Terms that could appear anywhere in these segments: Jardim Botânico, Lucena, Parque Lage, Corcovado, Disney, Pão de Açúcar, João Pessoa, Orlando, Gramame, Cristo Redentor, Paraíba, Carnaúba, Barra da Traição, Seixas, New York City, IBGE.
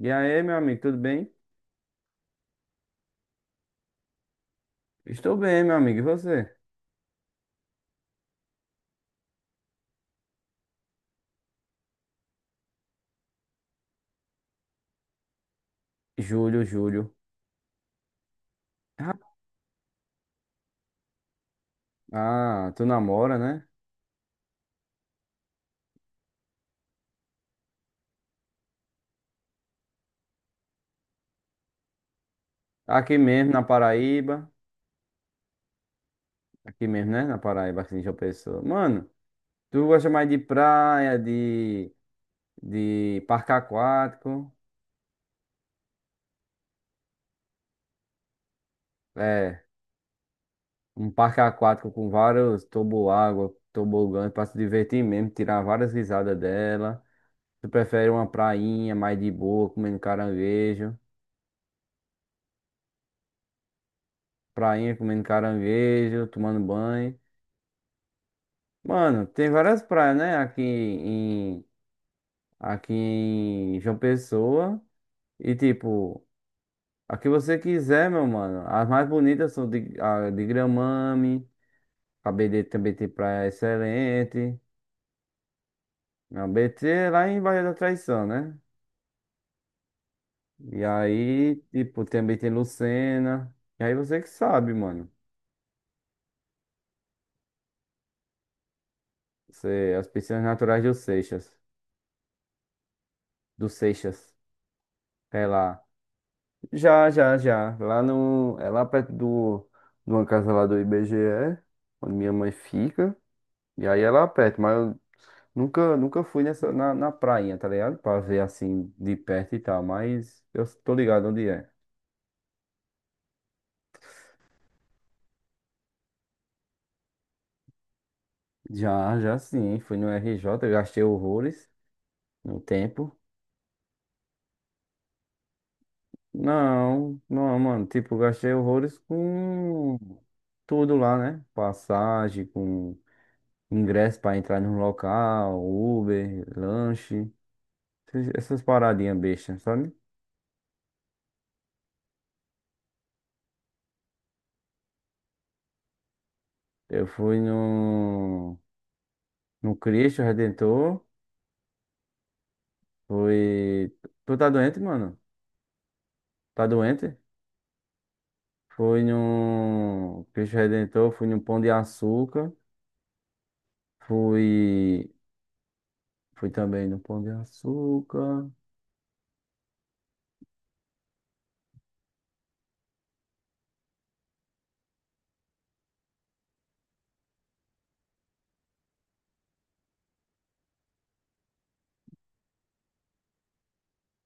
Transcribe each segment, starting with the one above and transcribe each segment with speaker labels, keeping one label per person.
Speaker 1: E aí, meu amigo, tudo bem? Estou bem, meu amigo. E você? Júlio, Júlio. Ra- Ah, tu namora, né? Aqui mesmo, na Paraíba. Aqui mesmo, né? Na Paraíba, aqui em João Pessoa. Mano, tu gosta mais de praia, de parque aquático? É, um parque aquático com vários toboágua, tobogãs pra se divertir mesmo, tirar várias risadas dela. Tu prefere uma prainha mais de boa, comendo caranguejo? Prainha comendo caranguejo, tomando banho. Mano, tem várias praias, né? Aqui em João Pessoa. E tipo, a que você quiser, meu mano. As mais bonitas são de, a de Gramame. A BD também tem praia excelente. A BT é lá em Barra da Traição, né? E aí, tipo, também tem Lucena. E aí você que sabe, mano. Você, as piscinas naturais do Seixas. Do Seixas. É lá. Já, já, já. Lá no, é lá perto do, de uma casa lá do IBGE, onde minha mãe fica. E aí é lá perto, mas eu nunca fui nessa, na, na prainha, tá ligado? Pra ver assim de perto e tal, mas eu tô ligado onde é. Já, já sim, fui no RJ, eu gastei horrores no tempo. Não, não, mano, tipo, eu gastei horrores com tudo lá, né? Passagem, com ingresso pra entrar no local, Uber, lanche. Essas paradinhas bestas, sabe? Eu fui no, no Cristo Redentor. Fui. Tu tá doente, mano? Tá doente? Fui no Cristo Redentor. Fui no Pão de Açúcar. Fui. Fui também no Pão de Açúcar.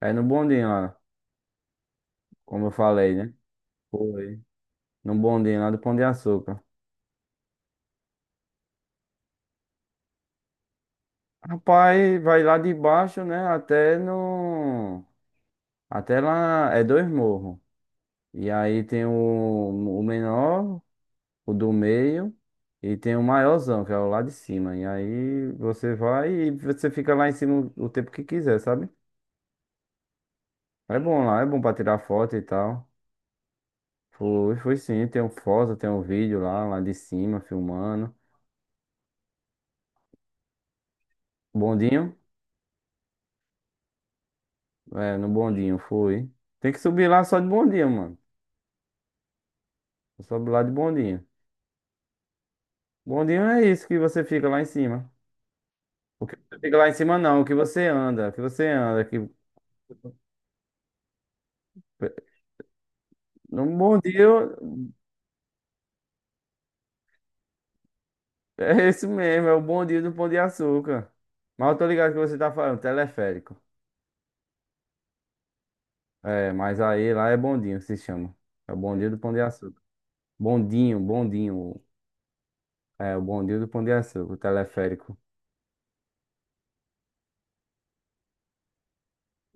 Speaker 1: É no bondinho lá, como eu falei, né? Foi. No bondinho lá do Pão de Açúcar. Rapaz, vai lá de baixo, né? Até no. Até lá. É dois morros. E aí tem o menor, o do meio, e tem o maiorzão, que é o lá de cima. E aí você vai e você fica lá em cima o tempo que quiser, sabe? É bom lá, é bom pra tirar foto e tal. Foi, foi sim, tem um foto, tem um vídeo lá, lá de cima, filmando. Bondinho? É, no bondinho, foi. Tem que subir lá só de bondinho, mano. Sobe lá de bondinho. Bondinho é isso que você fica lá em cima. O que você fica lá em cima não, o que você anda, que... No Bom Dia, é esse mesmo, é o Bom Dia do Pão de Açúcar. Mas eu tô ligado que você tá falando, teleférico. É, mas aí lá é bondinho que se chama. É o Bom Dia do Pão de Açúcar. Bondinho, bondinho. É, o Bom Dia do Pão de Açúcar, o teleférico.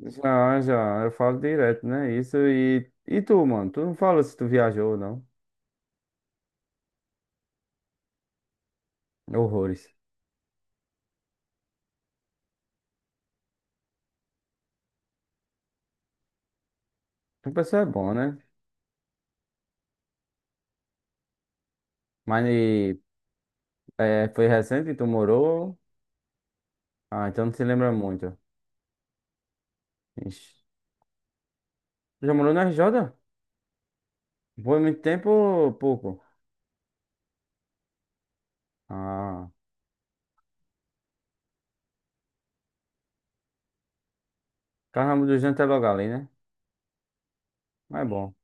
Speaker 1: Já, já, eu falo direto, né? Isso e... E tu, mano? Tu não falou se tu viajou ou não. Horrores. Tu pessoa é bom, né? Mas e, é, foi recente que tu morou? Ah, então não se lembra muito. Ixi. Tu já morou na RJ? Foi muito tempo ou pouco? Ah, Carnaval dos Anjos é logo ali, né? Mas é bom.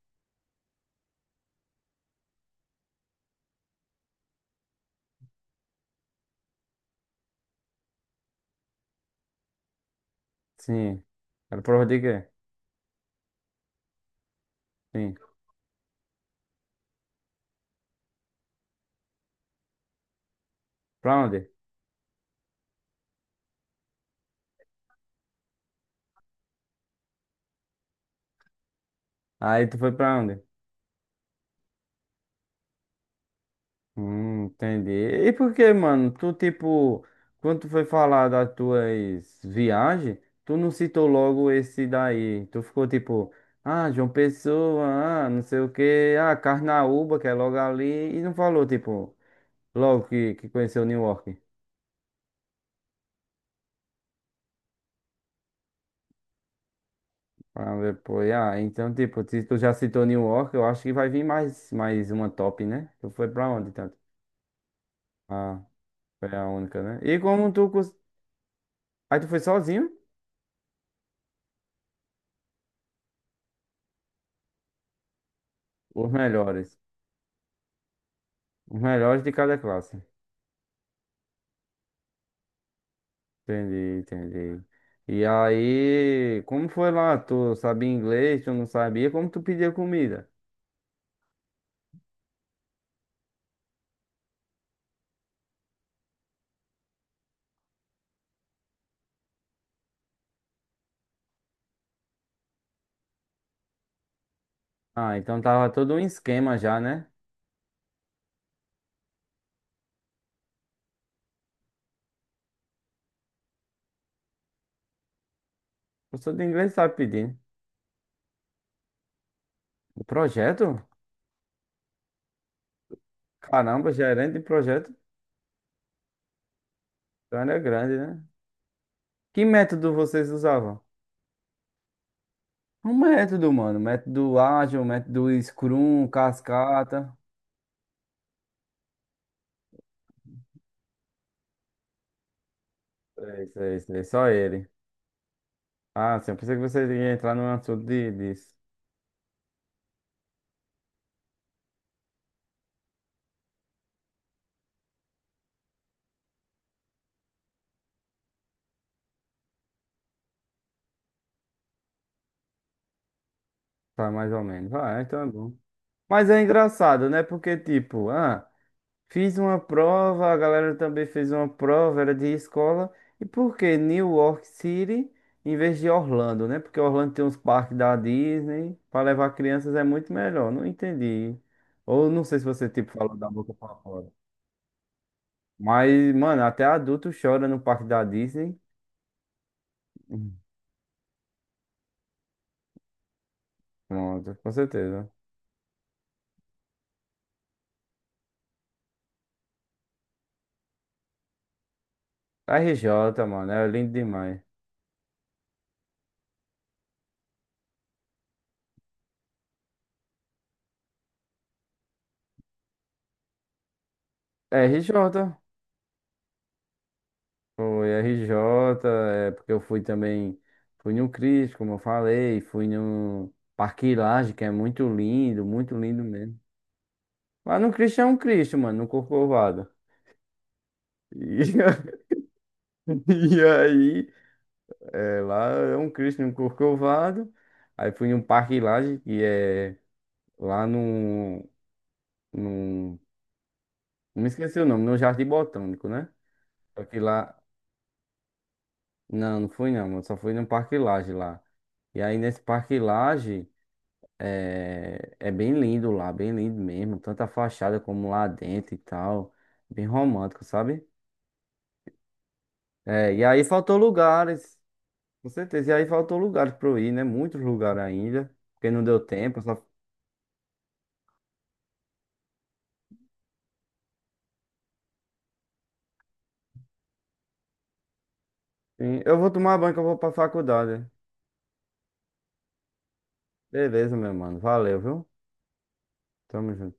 Speaker 1: Sim. Era prova de quê? Sim. Pra onde? Aí tu foi pra onde? Entendi. E por que, mano? Tu, tipo, quando tu foi falar das tuas viagens, tu não citou logo esse daí. Tu ficou tipo, ah, João Pessoa, ah, não sei o quê, ah, Carnaúba, que é logo ali, e não falou, tipo, logo que conheceu New York. Ah, depois, ah, então, tipo, se tu já citou New York, eu acho que vai vir mais, mais uma top, né? Tu foi pra onde, tanto? Ah, foi a única, né? E como tu... Aí tu foi sozinho? Os melhores. Os melhores de cada classe. Entendi, entendi. E aí, como foi lá? Tu sabia inglês, tu não sabia? Como tu pedia comida? Ah, então tava todo um esquema já, né? Eu sou de inglês, sabe pedir. O projeto? Caramba, gerente de projeto. Então era grande, né? Que método vocês usavam? Um método, mano. Método ágil, método Scrum, cascata. É isso, é isso, é só ele. Ah, sim, eu pensei que você ia entrar no assunto de, disso. Tá mais ou menos. Ah, então é bom. Mas é engraçado, né? Porque, tipo, ah, fiz uma prova, a galera também fez uma prova, era de escola. E por que New York City em vez de Orlando, né? Porque Orlando tem uns parques da Disney. Pra levar crianças é muito melhor. Não entendi. Ou não sei se você, tipo, falou da boca pra fora. Mas, mano, até adulto chora no parque da Disney. Hum, Pronto, com certeza. RJ, mano, é lindo demais. RJ, foi RJ, é porque eu fui também, fui no Cristo, como eu falei, fui no Parque Lage, que é muito lindo mesmo. Lá no Cristo é um Cristo, mano, no Corcovado. E, e aí, é, lá é um Cristo no Corcovado. Aí fui no Parque Lage, que é lá no, me esqueci o nome, no Jardim Botânico, né? Só que lá. Não, não fui não, mano. Só fui no Parque Lage lá. E aí nesse Parque Lage é, é bem lindo lá, bem lindo mesmo. Tanto a fachada como lá dentro e tal. Bem romântico, sabe? É, e aí faltou lugares, com certeza. E aí faltou lugares pra eu ir, né? Muitos lugares ainda, porque não deu tempo. Só... Sim, eu vou tomar banho que eu vou pra faculdade. Beleza, meu mano. Valeu, viu? Tamo junto.